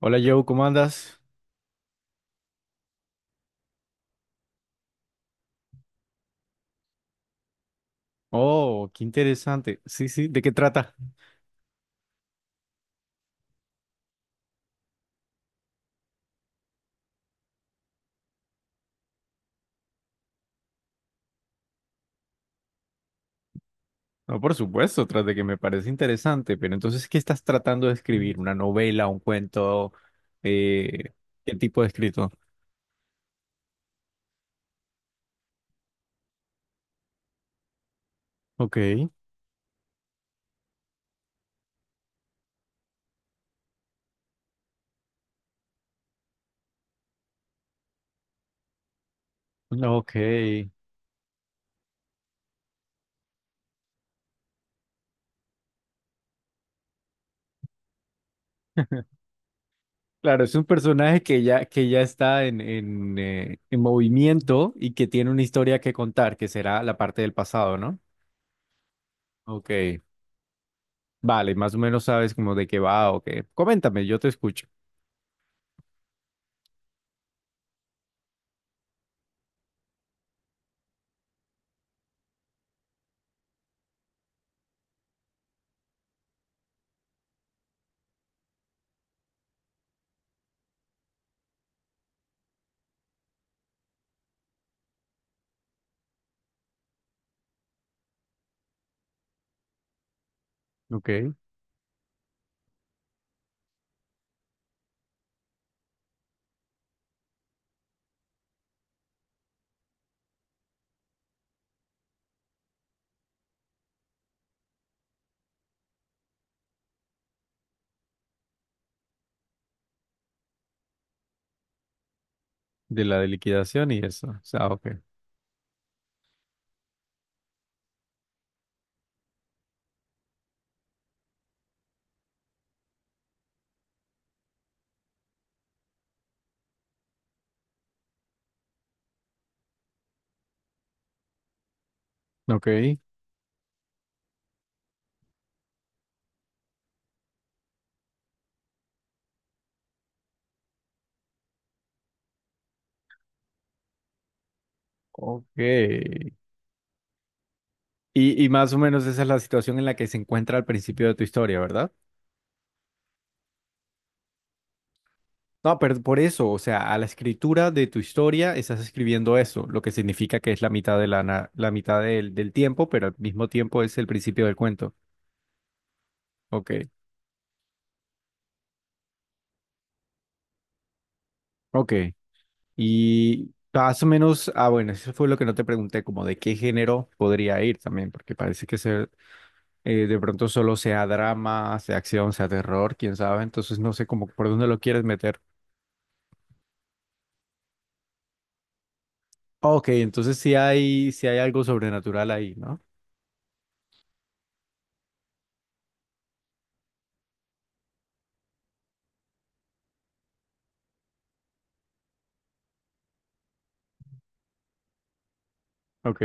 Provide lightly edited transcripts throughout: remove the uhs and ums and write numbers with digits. Hola Joe, ¿cómo andas? Oh, qué interesante. Sí, sí, ¿de qué trata? No, por supuesto, tras de que me parece interesante, pero entonces, ¿qué estás tratando de escribir? ¿Una novela, un cuento? Eh, ¿Qué tipo de escrito? Ok, ok. Claro, es un personaje que ya, que ya está en movimiento y que tiene una historia que contar, que será la parte del pasado, ¿no? Ok, vale, más o menos sabes como de qué va o qué. Coméntame, yo te escucho. Ok. De la de liquidación y eso. O sea, ok. Ok. Ok. Y más o menos esa es la situación en la que se encuentra al principio de tu historia, ¿verdad? No, pero por eso, o sea, a la escritura de tu historia estás escribiendo eso, lo que significa que es la mitad de la mitad del tiempo, pero al mismo tiempo es el principio del cuento. Ok, ok. Y más o menos, ah, bueno, eso fue lo que no te pregunté, como de qué género podría ir también, porque parece que se, de pronto solo sea drama, sea acción, sea terror, quién sabe. Entonces no sé cómo por dónde lo quieres meter. Ok, entonces sí hay algo sobrenatural ahí, ¿no? Ok,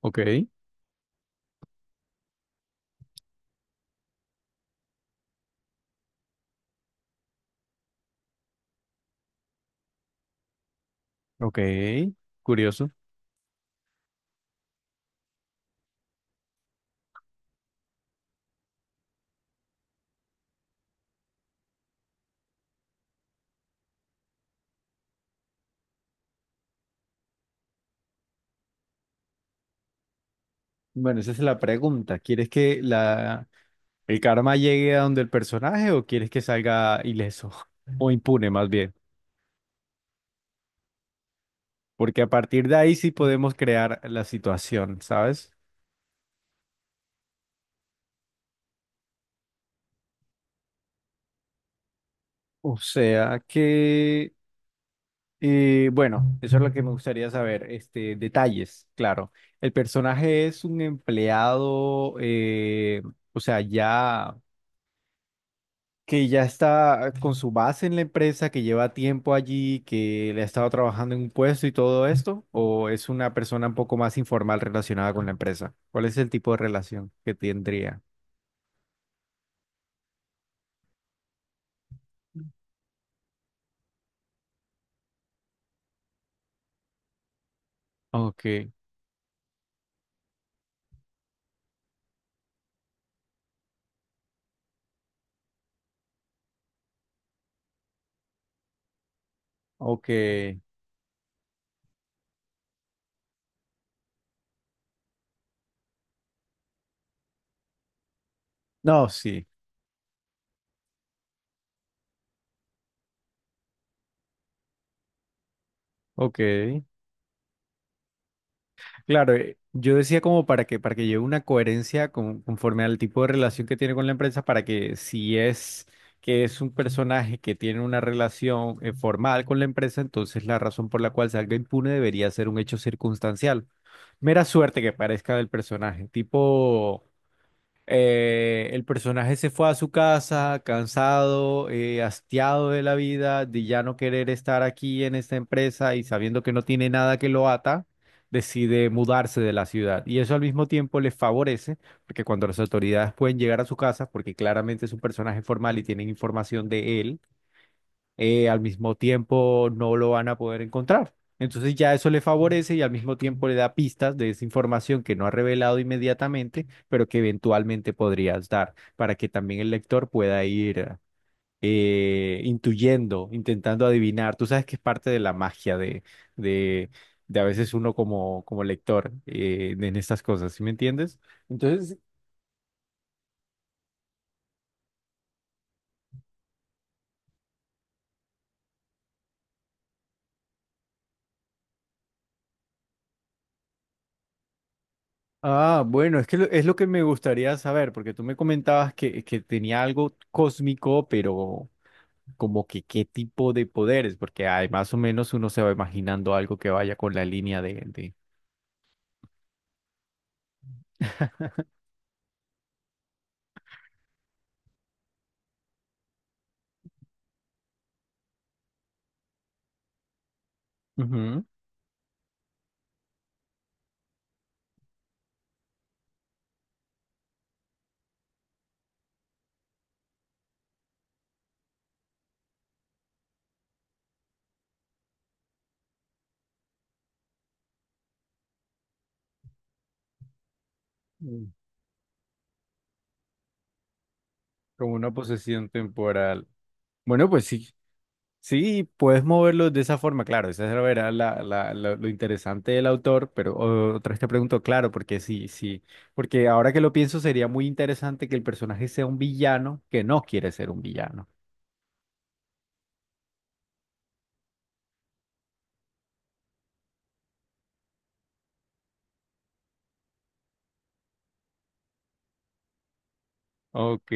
ok, ok. Curioso. Bueno, esa es la pregunta. ¿Quieres que la, el karma llegue a donde el personaje o quieres que salga ileso o impune más bien? Porque a partir de ahí sí podemos crear la situación, ¿sabes? O sea que... bueno, eso es lo que me gustaría saber. Este, detalles, claro. El personaje es un empleado, o sea, ya que ya está con su base en la empresa, que lleva tiempo allí, que le ha estado trabajando en un puesto y todo esto, o es una persona un poco más informal relacionada con la empresa. ¿Cuál es el tipo de relación que tendría? Ok, ok. No, sí, ok. Claro, yo decía como para que lleve una coherencia con- conforme al tipo de relación que tiene con la empresa, para que si es que es un personaje que tiene una relación formal con la empresa, entonces la razón por la cual salga impune debería ser un hecho circunstancial. Mera suerte que parezca del personaje, tipo... el personaje se fue a su casa cansado, hastiado de la vida, de ya no querer estar aquí en esta empresa y sabiendo que no tiene nada que lo ata, decide mudarse de la ciudad. Y eso al mismo tiempo le favorece, porque cuando las autoridades pueden llegar a su casa, porque claramente es un personaje formal y tienen información de él, al mismo tiempo no lo van a poder encontrar. Entonces ya eso le favorece y al mismo tiempo le da pistas de esa información que no ha revelado inmediatamente, pero que eventualmente podrías dar para que también el lector pueda ir intuyendo, intentando adivinar. Tú sabes que es parte de la magia de, de a veces uno como, como lector en estas cosas, ¿sí me entiendes? Entonces, ah, bueno, es que lo- es lo que me gustaría saber, porque tú me comentabas que tenía algo cósmico, pero como que qué tipo de poderes, porque hay más o menos uno se va imaginando algo que vaya con la línea de- Ujú. Mm, como una posesión temporal. Bueno, pues sí, sí, puedes moverlo de esa forma, claro. Esa era la, la- la- lo interesante del autor, pero o- otra vez te pregunto, claro, porque sí, sí, porque ahora que lo pienso sería muy interesante que el personaje sea un villano que no quiere ser un villano. Ok.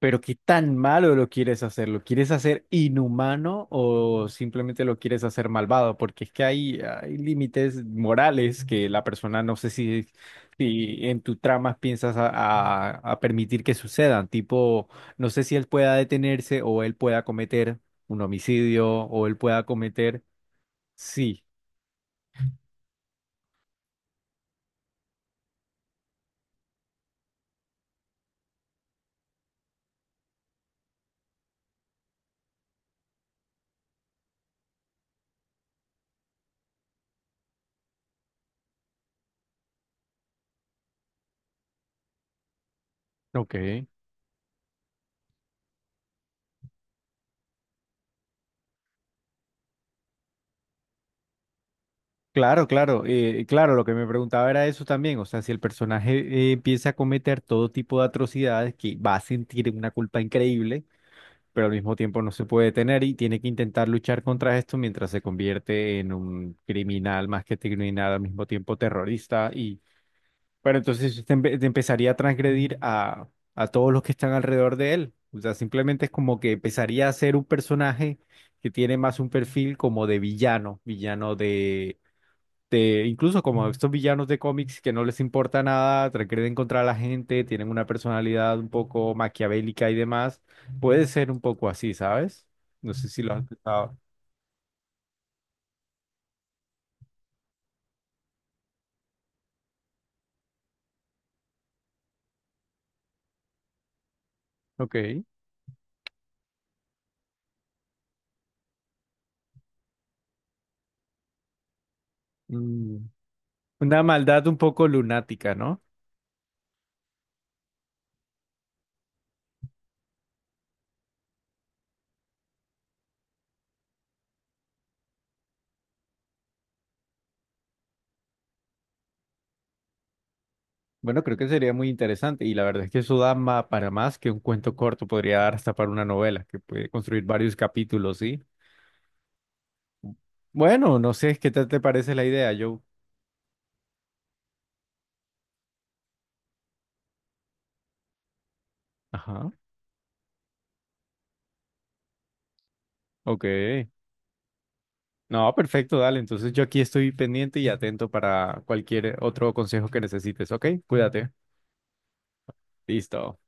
Pero ¿qué tan malo lo quieres hacer? ¿Lo quieres hacer inhumano o simplemente lo quieres hacer malvado? Porque es que hay límites morales que la persona no sé si, si en tu trama piensas a permitir que sucedan. Tipo, no sé si él pueda detenerse o él pueda cometer un homicidio o él pueda cometer... Sí, ok. Claro, claro, claro, lo que me preguntaba era eso también, o sea, si el personaje empieza a cometer todo tipo de atrocidades, que va a sentir una culpa increíble, pero al mismo tiempo no se puede detener y tiene que intentar luchar contra esto mientras se convierte en un criminal más que criminal, al mismo tiempo terrorista, y pero entonces te, empe- te empezaría a transgredir a todos los que están alrededor de él, o sea, simplemente es como que empezaría a ser un personaje que tiene más un perfil como de villano, villano de incluso como estos villanos de cómics que no les importa nada, transgreden contra la gente, tienen una personalidad un poco maquiavélica y demás, puede ser un poco así, ¿sabes? No sé si lo has pensado. Ok. Mm, una maldad un poco lunática, ¿no? Bueno, creo que sería muy interesante y la verdad es que eso da ma- para más que un cuento corto, podría dar hasta para una novela que puede construir varios capítulos, ¿sí? Bueno, no sé, ¿qué tal te parece la idea? Yo, ajá, ok. No, perfecto, dale. Entonces yo aquí estoy pendiente y atento para cualquier otro consejo que necesites, ¿ok? Cuídate. Listo.